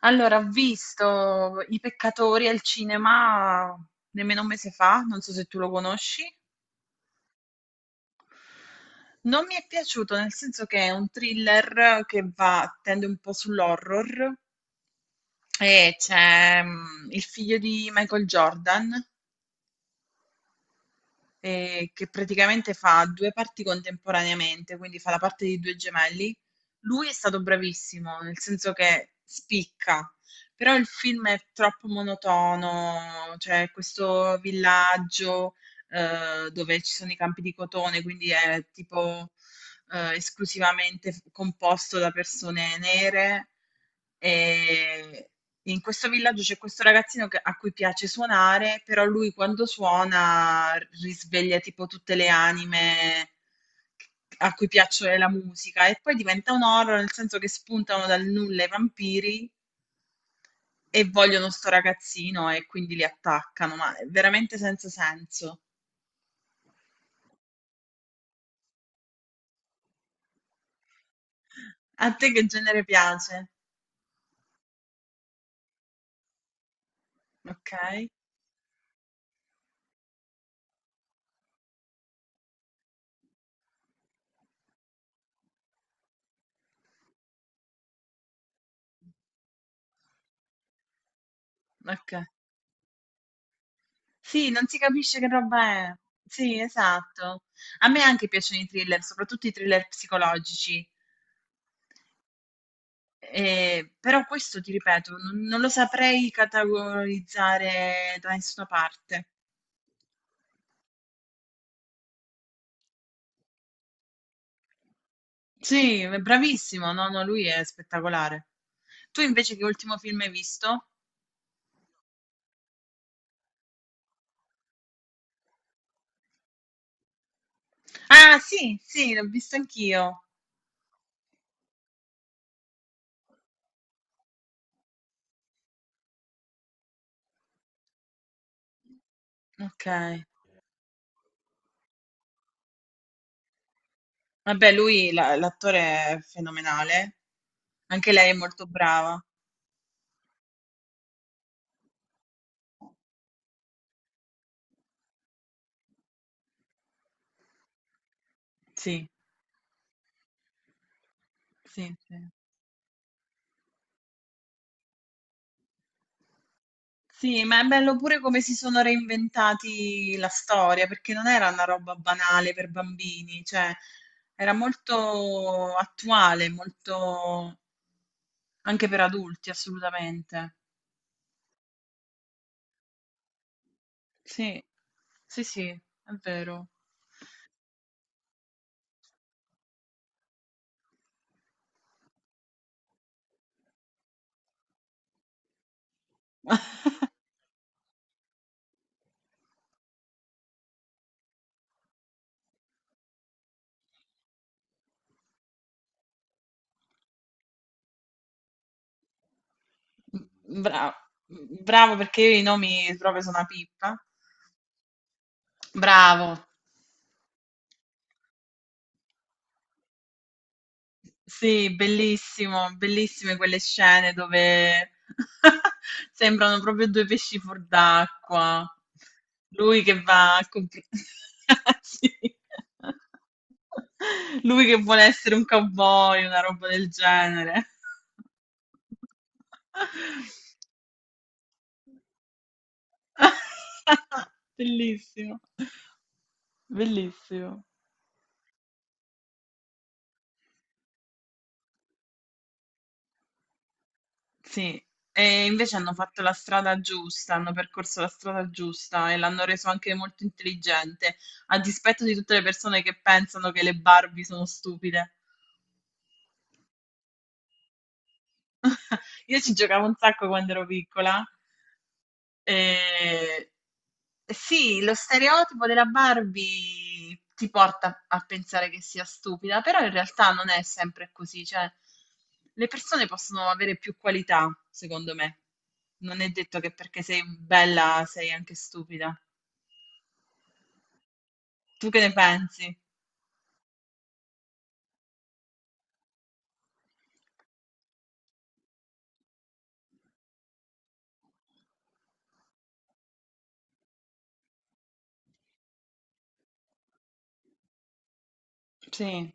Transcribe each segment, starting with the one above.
Allora, ho visto I Peccatori al cinema nemmeno un mese fa, non so se tu lo conosci. Non mi è piaciuto, nel senso che è un thriller che va, tende un po' sull'horror e c'è il figlio di Michael Jordan che praticamente fa due parti contemporaneamente, quindi fa la parte di due gemelli. Lui è stato bravissimo, nel senso che spicca, però il film è troppo monotono, cioè questo villaggio dove ci sono i campi di cotone, quindi è tipo esclusivamente composto da persone nere e in questo villaggio c'è questo ragazzino a cui piace suonare, però lui quando suona risveglia tipo tutte le anime a cui piace la musica e poi diventa un horror nel senso che spuntano dal nulla i vampiri e vogliono sto ragazzino e quindi li attaccano, ma è veramente senza senso. A te che genere piace? Ok, ok. Sì, non si capisce che roba è. Sì, esatto. A me anche piacciono i thriller, soprattutto i thriller psicologici. Però questo ti ripeto, non lo saprei categorizzare da nessuna parte. Sì, è bravissimo, no, no, lui è spettacolare. Tu invece che ultimo film hai visto? Ah, sì, sì, l'ho visto anch'io. Ok. Vabbè, lui, l'attore è fenomenale. Anche lei è molto brava. Sì, sì, sì. Sì, ma è bello pure come si sono reinventati la storia, perché non era una roba banale per bambini, cioè era molto attuale, molto anche per adulti, assolutamente. Sì, sì, sì, è vero. Bravo, bravo perché io i nomi proprio sono una pippa. Bravo, sì, bellissimo, bellissime quelle scene dove sembrano proprio due pesci fuor d'acqua. Lui che va a comp- Sì. Lui che vuole essere un cowboy, una roba del genere. Bellissimo, bellissimo. Sì, e invece hanno fatto la strada giusta, hanno percorso la strada giusta e l'hanno reso anche molto intelligente, a dispetto di tutte le persone che pensano che le Barbie sono stupide. Io ci giocavo un sacco quando ero piccola. Eh, sì, lo stereotipo della Barbie ti porta a pensare che sia stupida, però in realtà non è sempre così, cioè le persone possono avere più qualità, secondo me. Non è detto che perché sei bella sei anche stupida. Tu che ne pensi? Sì,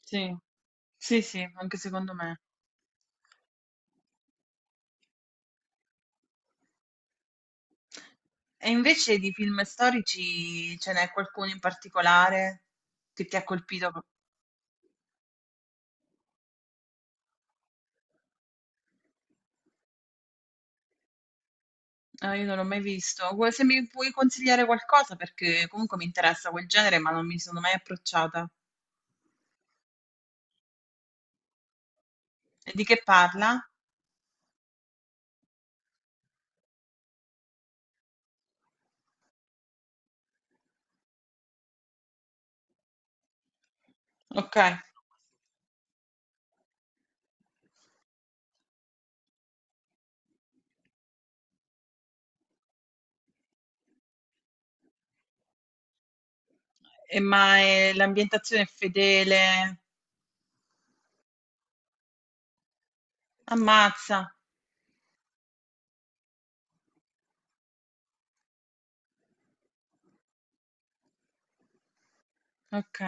sì, sì, sì, anche secondo me. E invece di film storici ce n'è qualcuno in particolare che ti ha colpito? Ah, io non l'ho mai visto. Se mi puoi consigliare qualcosa, perché comunque mi interessa quel genere, ma non mi sono mai approcciata. E di che parla? Ok. E ma l'ambientazione è fedele? Ammazza. Ok.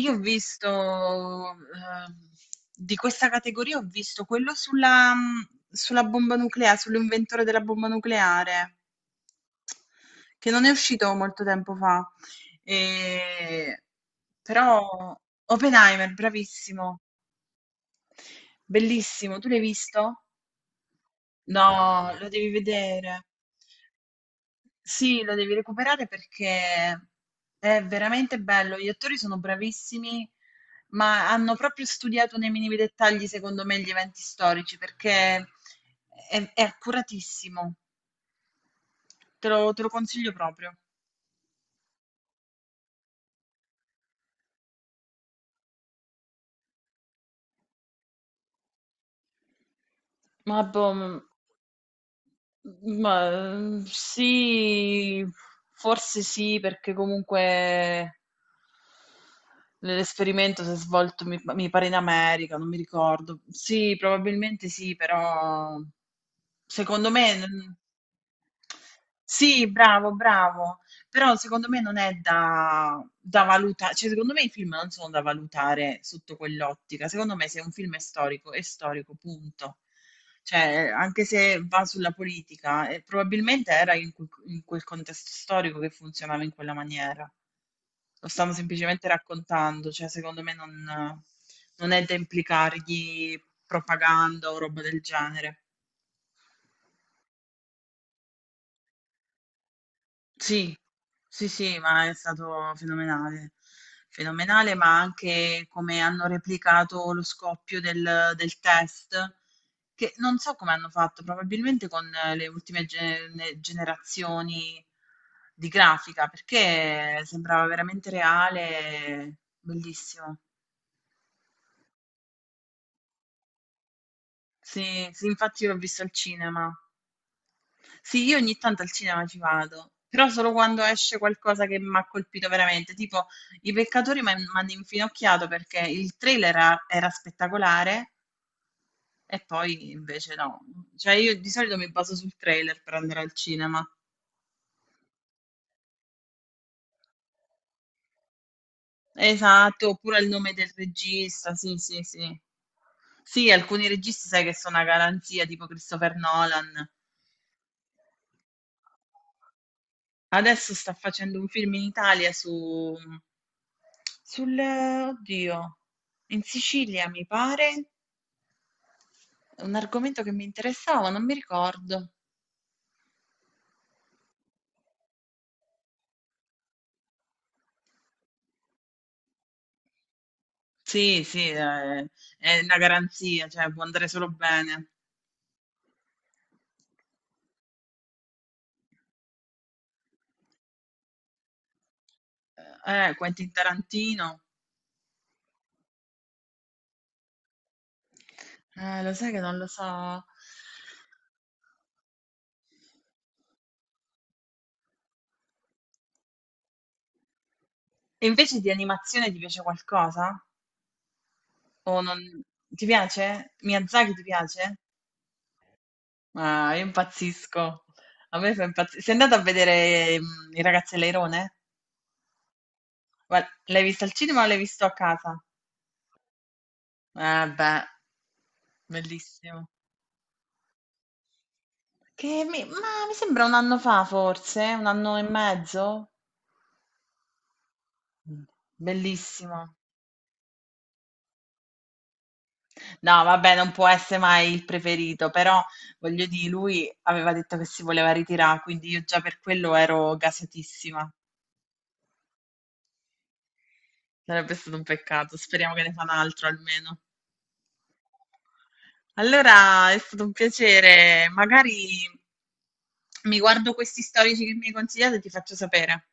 Io ho visto, di questa categoria ho visto quello sulla mhmm, sulla bomba nuclea sull'inventore della bomba nucleare che non è uscito molto tempo fa. Ehm, però Oppenheimer, bravissimo, bellissimo. Tu l'hai visto? No, no, no. Lo devi vedere. Sì, lo devi recuperare perché è veramente bello. Gli attori sono bravissimi, ma hanno proprio studiato nei minimi dettagli, secondo me, gli eventi storici perché è accuratissimo. Te lo consiglio proprio. Ma, boh, ma, sì, forse sì, perché comunque l'esperimento si è svolto, mi pare, in America, non mi ricordo. Sì, probabilmente sì, però secondo me. Sì, bravo, bravo. Però secondo me non è da valutare, cioè secondo me i film non sono da valutare sotto quell'ottica. Secondo me se un film è storico, punto. Cioè, anche se va sulla politica, probabilmente era in quel contesto storico che funzionava in quella maniera. Lo stanno semplicemente raccontando, cioè secondo me non è da implicargli propaganda o roba del genere. Sì, sì, sì, ma è stato fenomenale. Fenomenale, ma anche come hanno replicato lo scoppio del test, che non so come hanno fatto, probabilmente con le ultime generazioni di grafica, perché sembrava veramente reale, bellissimo. Sì, sì, infatti l'ho visto al cinema. Sì, io ogni tanto al cinema ci vado, però solo quando esce qualcosa che mi ha colpito veramente, tipo I Peccatori mi hanno infinocchiato perché il trailer era spettacolare e poi invece no. Cioè io di solito mi baso sul trailer per andare al cinema. Esatto, oppure il nome del regista, sì, sì, sì. Sì, alcuni registi sai che sono una garanzia, tipo Christopher Nolan. Adesso sta facendo un film in Italia, oddio, in Sicilia mi pare, un argomento che mi interessava, non mi ricordo. Sì, sì, è una garanzia, cioè può andare solo bene. Quentin Tarantino, lo sai che non lo so. E invece di animazione ti piace qualcosa? O non... Ti piace? Miyazaki ti piace? Ah, io impazzisco. A me fa impazzire. Sei andata a vedere i ragazzi all'Airone? Guarda, l'hai visto al cinema o l'hai visto a casa? Eh beh, bellissimo. Ma mi sembra un anno fa forse, un anno e mezzo. Mm. Bellissimo. No, vabbè, non può essere mai il preferito, però voglio dire, lui aveva detto che si voleva ritirare, quindi io già per quello ero gasatissima. Sarebbe stato un peccato. Speriamo che ne fa un altro almeno. Allora è stato un piacere. Magari mi guardo questi storici che mi hai consigliato e ti faccio sapere.